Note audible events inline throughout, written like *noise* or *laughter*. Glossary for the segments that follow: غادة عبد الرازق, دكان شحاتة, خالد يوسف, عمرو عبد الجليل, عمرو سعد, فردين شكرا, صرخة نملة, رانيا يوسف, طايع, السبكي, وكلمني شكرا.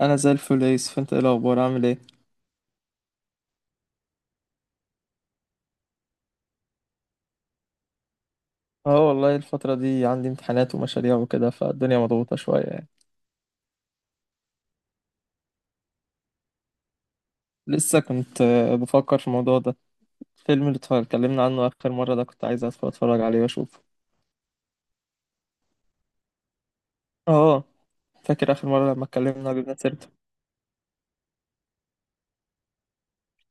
انا زي الفل يا يوسف، انت ايه الاخبار عامل ايه؟ اه، والله الفتره دي عندي امتحانات ومشاريع وكده، فالدنيا مضغوطه شويه يعني. لسه كنت بفكر في الموضوع ده. الفيلم اللي اتكلمنا عنه اخر مره ده كنت عايز أدخل اتفرج عليه واشوفه. اه، فاكر اخر مره لما اتكلمنا جبنا سيرته.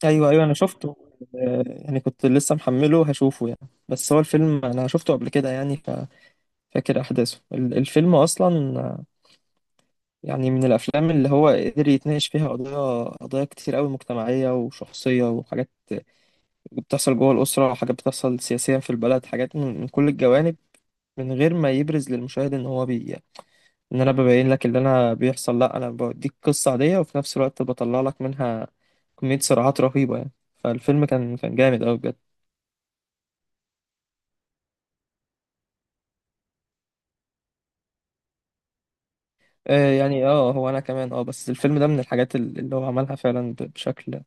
ايوه ايوه، انا شفته. يعني كنت لسه محمله هشوفه يعني، بس هو الفيلم انا شفته قبل كده يعني. ففاكر احداثه الفيلم اصلا. يعني من الافلام اللي هو قدر يتناقش فيها قضايا كتير قوي مجتمعيه وشخصيه، وحاجات بتحصل جوه الأسرة، وحاجات بتحصل سياسيا في البلد، حاجات من كل الجوانب، من غير ما يبرز للمشاهد إن هو بي يعني، إن أنا ببين لك اللي أنا بيحصل، لأ، أنا بديك قصة عادية وفي نفس الوقت بطلع لك منها كمية صراعات رهيبة يعني. فالفيلم كان جامد أوي بجد. آه يعني، اه، هو أنا كمان اه، بس الفيلم ده من الحاجات اللي هو عملها فعلا بشكل.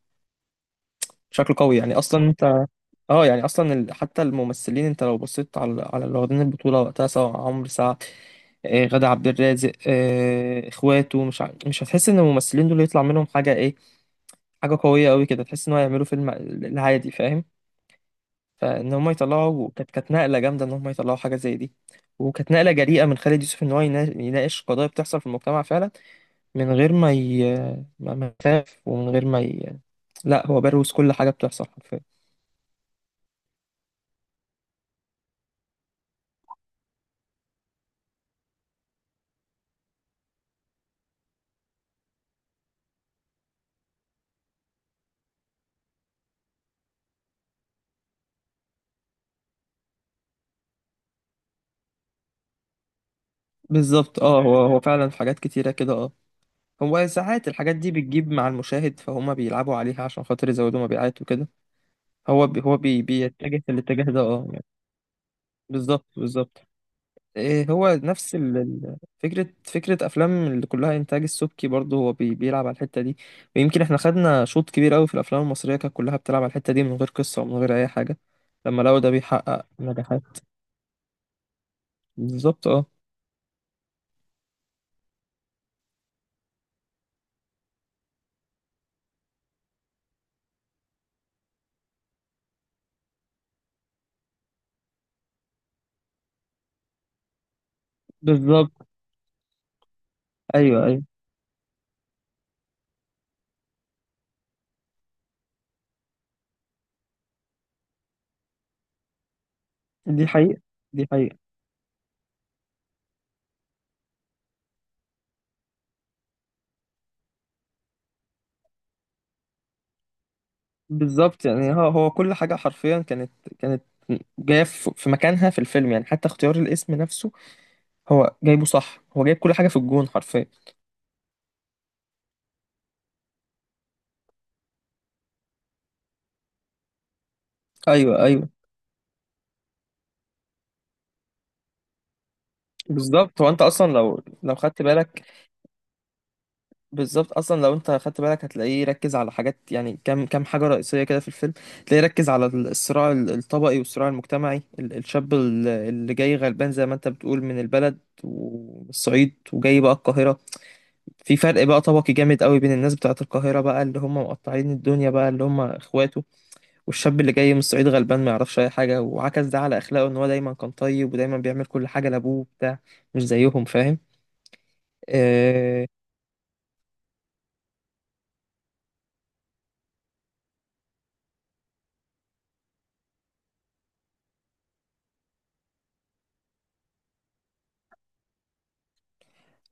بشكل قوي يعني، أصلا أنت. اه يعني أصلا، حتى الممثلين، أنت لو بصيت على اللي واخدين البطولة وقتها، سواء عمرو سعد، غادة عبد الرازق، اخواته، مش هتحس ان الممثلين دول يطلع منهم حاجه ايه، حاجه قويه قوي كده، تحس ان هو يعملوا فيلم العادي فاهم. فان هم يطلعوا كانت نقله جامده، ان هم يطلعوا حاجه زي دي. وكانت نقله جريئه من خالد يوسف ان هو يناقش قضايا بتحصل في المجتمع فعلا، من غير ما ي... ما يخاف، ومن غير ما ي... لا، هو بروز كل حاجه بتحصل حرفيا. بالظبط اه، هو فعلا في حاجات كتيره كده اه. هو ساعات الحاجات دي بتجيب مع المشاهد فهم، بيلعبوا عليها عشان خاطر يزودوا مبيعات وكده. هو بيتجه في الاتجاه ده اه يعني. بالظبط بالظبط. إيه، هو نفس فكرة أفلام اللي كلها إنتاج السبكي، برضه هو بيلعب على الحتة دي. ويمكن إحنا خدنا شوط كبير أوي في الأفلام المصرية كانت كلها بتلعب على الحتة دي، من غير قصة ومن غير أي حاجة، لما لقوا ده بيحقق نجاحات. بالظبط اه. بالظبط، أيوه أيوه. دي حقيقة، دي حقيقة. بالظبط يعني، هو كل حاجة حرفيا كانت. كانت جاية في مكانها في الفيلم يعني، حتى اختيار الاسم نفسه هو جايبه صح، هو جايب كل حاجه في الجون حرفيا. ايوه ايوه. بالظبط، هو انت اصلا لو خدت بالك. بالظبط، اصلا لو انت خدت بالك هتلاقيه ركز على حاجات يعني، كام حاجه رئيسيه كده في الفيلم. تلاقيه ركز على الصراع الطبقي والصراع المجتمعي، الشاب اللي جاي غلبان زي ما انت بتقول من البلد والصعيد، وجاي بقى القاهره. في فرق بقى طبقي جامد قوي بين الناس بتاعت القاهره بقى، اللي هم مقطعين الدنيا بقى، اللي هم اخواته، والشاب اللي جاي من الصعيد غلبان ما يعرفش اي حاجه، وعكس ده على اخلاقه، ان هو دايما كان طيب، ودايما بيعمل كل حاجه لابوه وبتاع، مش زيهم فاهم. اه،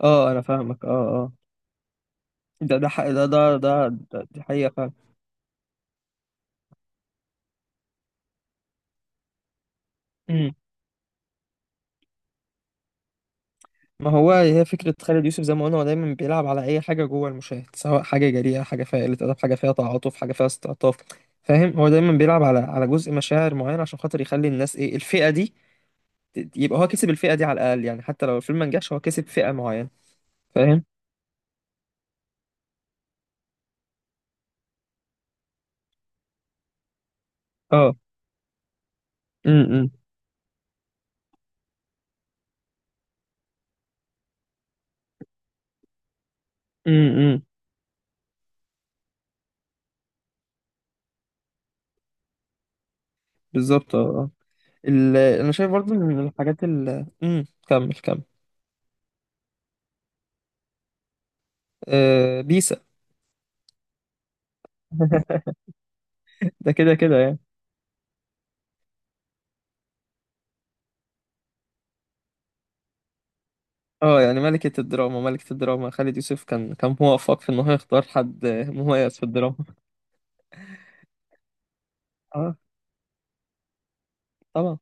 آه انا فاهمك، اه اه. ده ده حق- ده ده ده, ده دي حقيقه فعلا. *clears throat* أمم. ما هو هي فكره خالد يوسف زي ما قلنا، هو دايما بيلعب على اي حاجه جوه المشاهد، سواء حاجه جريئه، حاجه فيها قله ادب، حاجه فيها تعاطف، حاجه فيها استعطاف فاهم. هو دايما بيلعب على جزء مشاعر معين عشان خاطر يخلي الناس ايه الفئه دي، يبقى هو كسب الفئه دي على الاقل يعني، حتى لو الفيلم ما نجحش هو كسب فئه معينه فاهم. اه، امم امم. بالظبط اه، آه. انا شايف برضو إن من الحاجات ال كمل كمل. آه، بيسا. *laughs* ده كده كده يعني. اه يعني، ملكة الدراما، ملكة الدراما، خالد يوسف كان موفق في ان هو يختار حد مميز في الدراما. *laughs* اه، طبعا.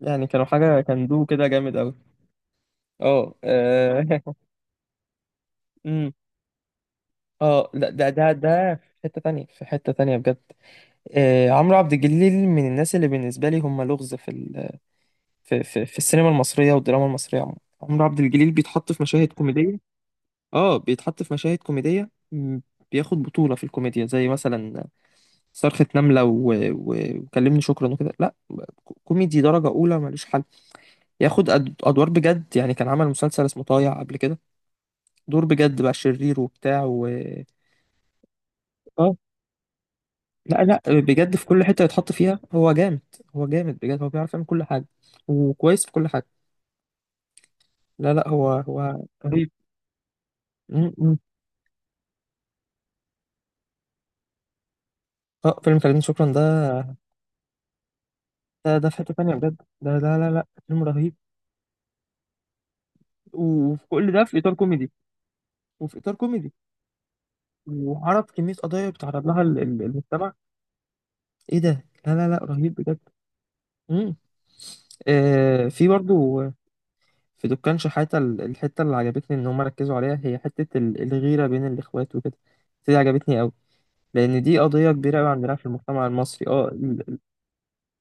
يعني كانوا حاجة، كان دو كده جامد قوي. اه، آه. *laughs* امم. اه، لا ده ده ده في حتة تانية، في حتة تانية بجد. آه، عمرو عبد الجليل من الناس اللي بالنسبة لي هم لغز في السينما المصرية والدراما المصرية عموما. عمرو عبد الجليل بيتحط في مشاهد كوميدية. اه بيتحط في مشاهد كوميدية، بياخد بطولة في الكوميديا، زي مثلا صرخة نملة وكلمني شكرا وكده، لا، كوميدي درجة أولى، ملوش حل. ياخد أدوار بجد يعني، كان عمل مسلسل اسمه طايع قبل كده، دور بجد بقى شرير وبتاع و... اه، لا لا، بجد في كل حتة يتحط فيها هو جامد. هو جامد بجد، هو بيعرف يعمل كل حاجة، وكويس في كل حاجة. لا لا، هو رهيب. اه، فيلم فردين شكرا ده، في حتة تانية بجد. ده، لا لا لا، فيلم رهيب. وفي كل ده في إطار كوميدي. وفي إطار كوميدي، وعرض كمية قضايا بتعرض لها المجتمع. ايه ده، لا لا لا، رهيب بجد. مم. آه، في برضو في دكان شحاتة الحتة اللي عجبتني إن هم ركزوا عليها هي حتة الغيرة بين الإخوات وكده، دي عجبتني أوي، لأن دي قضية كبيرة أوي عندنا في المجتمع المصري اه.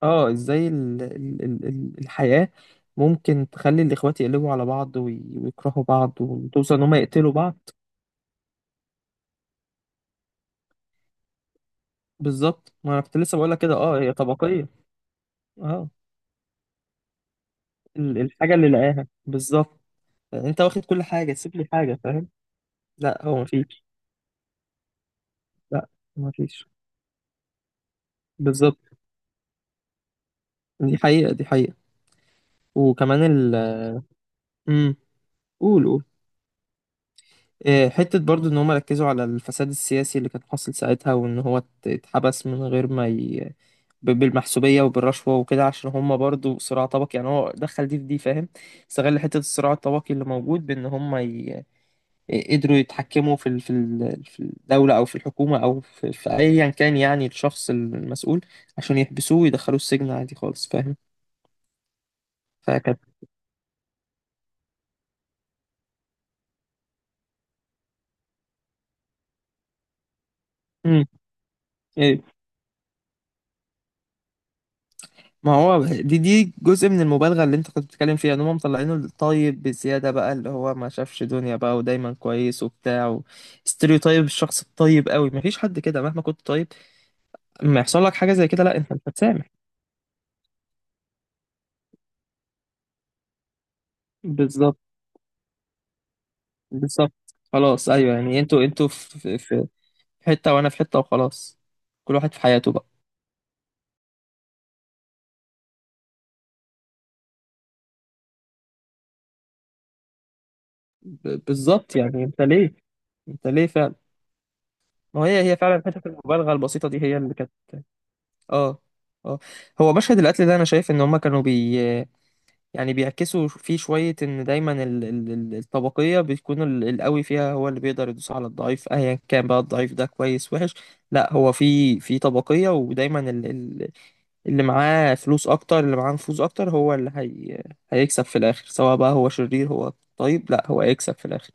اه، ازاي الحياة ممكن تخلي الاخوات يقلبوا على بعض ويكرهوا بعض، وتوصل ان هم يقتلوا بعض. بالظبط، ما انا كنت لسه بقول لك كده اه، هي طبقية. اه، الحاجة اللي لقاها بالظبط، انت واخد كل حاجة سيب لي حاجة فاهم. لا هو مفيش. لا، مفيش. بالظبط. دي حقيقة، دي حقيقة. وكمان ال امم قول قول. آه، حتة برضو ان هم ركزوا على الفساد السياسي اللي كان حاصل ساعتها، وان هو اتحبس من غير ما ي... بالمحسوبية وبالرشوة وكده، عشان هما برضو صراع طبقي يعني، هو دخل دي في دي فاهم. استغل حتة الصراع الطبقي اللي موجود، بإن هما ي... قدروا يتحكموا في الدولة أو في الحكومة، أو في أيا كان يعني الشخص المسؤول، عشان يحبسوه ويدخلوه السجن عادي خالص فاهم. فكانت... *laughs* مم. إيه. ما هو دي جزء من المبالغة اللي أنت كنت بتتكلم فيها، إن هما مطلعينه الطيب بزيادة بقى، اللي هو ما شافش دنيا بقى، ودايما كويس وبتاع و... ستيريوتايب الشخص الطيب قوي، مفيش حد كده، مهما كنت طيب ما يحصل لك حاجه زي كده، لا، انت مش هتسامح. بالظبط بالظبط. خلاص، ايوه يعني، انتوا في في حته وانا في حته وخلاص، كل واحد في حياته بقى. بالظبط، يعني انت ليه، انت ليه فعلا. ما هي، هي فعلا حته المبالغه البسيطه دي هي اللي كانت. اه، اه. هو مشهد القتل ده انا شايف ان هما كانوا يعني بيعكسوا فيه شويه، ان دايما الطبقيه بيكون القوي فيها هو اللي بيقدر يدوس على الضعيف، ايا كان بقى الضعيف ده كويس وحش. لا، هو في طبقيه، ودايما اللي معاه فلوس اكتر، اللي معاه نفوذ اكتر، هو اللي هيكسب في الاخر، سواء بقى هو شرير هو طيب، لا، هو هيكسب في الاخر.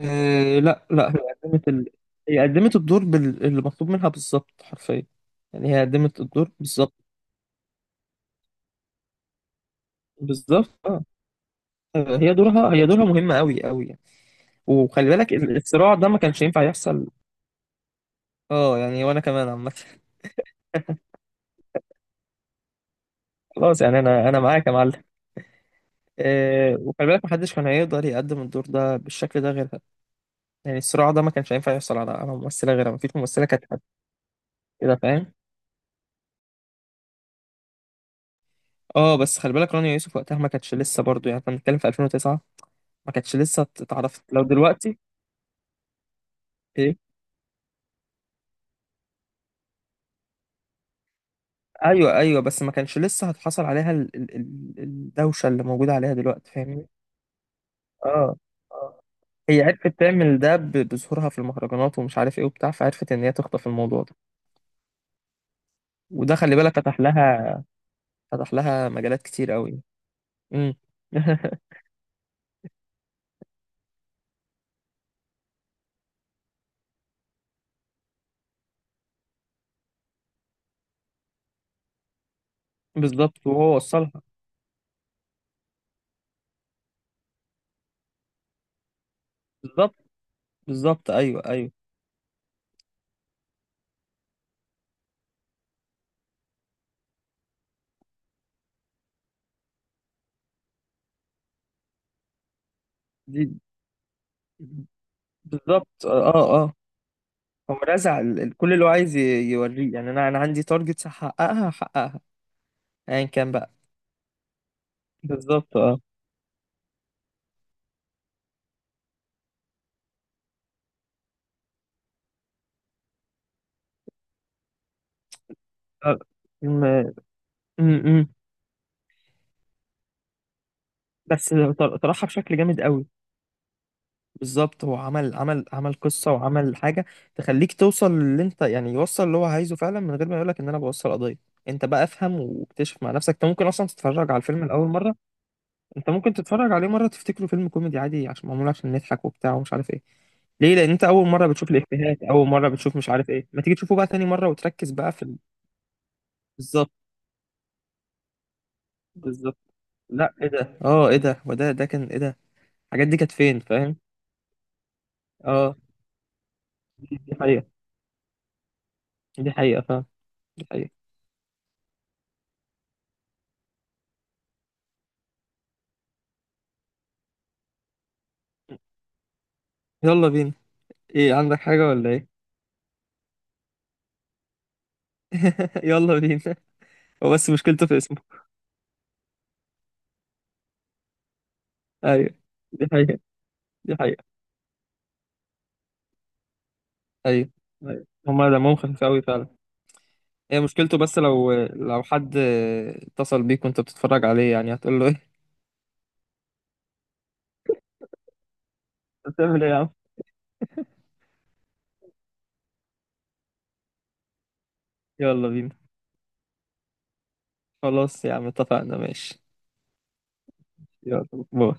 أه، لا لا، هي قدمت الدور اللي مطلوب منها بالظبط حرفيا، يعني هي قدمت الدور بالظبط. بالظبط اه، آه، هي دورها مهمة قوي قوي يعني. وخلي بالك الصراع ده ما كانش ينفع يحصل. اه يعني، وانا كمان عامة. *laughs* خلاص يعني، انا معاك يا معلم. أه، وخلي بالك محدش كان هيقدر يقدم الدور ده بالشكل ده غيرها، يعني الصراع ده ما كانش هينفع يحصل على ممثله غيرها، ما فيش ممثله كانت قد كده فاهم. اه، بس خلي بالك رانيا يوسف وقتها ما كانتش لسه برضو، يعني احنا بنتكلم في 2009، ما كانتش لسه اتعرفت لو دلوقتي ايه. ايوه ايوه، بس ما كانش لسه هتحصل عليها الدوشه اللي موجوده عليها دلوقتي، فاهمني اه، آه. هي عرفت تعمل ده بظهورها في المهرجانات ومش عارف ايه وبتاع، فعرفت ان هي تخطف الموضوع ده، وده خلي بالك فتح لها مجالات كتير قوي. امم. *laughs* بالظبط، وهو وصلها. بالظبط بالظبط، ايوه ايوه. دي بالظبط، اه اه، آه. هو رزع كل اللي هو عايز يوريه، يعني انا، انا عندي تارجتس هحققها هحققها ايا كان بقى. بالظبط، اه، آه، م... م... م. بس طرحها بشكل جامد قوي. بالظبط، هو عمل عمل قصة، وعمل حاجة تخليك توصل للي انت يعني يوصل اللي هو عايزه فعلا، من غير ما يقولك ان انا بوصل قضية. انت بقى افهم واكتشف مع نفسك، انت ممكن اصلا تتفرج على الفيلم لاول مرة. انت ممكن تتفرج عليه مره تفتكره فيلم كوميدي عادي، عشان معمول عشان نضحك وبتاع ومش عارف ايه، ليه؟ لان انت اول مره بتشوف الافيهات، اول مره بتشوف مش عارف ايه، ما تيجي تشوفه بقى تاني مره وتركز بقى بالظبط بالظبط. لا ايه ده، اه، ايه ده، وده كان ايه ده، الحاجات دي كانت فين فاهم اه. دي حقيقه، دي حقيقه، فاهم، دي حقيقه. يلا بينا، ايه عندك حاجه ولا ايه؟ *laughs* يلا بينا. هو بس مشكلته في اسمه. ايوه، دي حقيقه، دي حقيقه. ايوه ايوه، هما دمهم خفيف قوي فعلا. هي مشكلته بس، لو حد اتصل بيك وانت بتتفرج عليه يعني هتقول له ايه؟ *laughs* بتعمل ايه يا عم. يلا بينا، خلاص يا عم اتفقنا ماشي. يلا باي.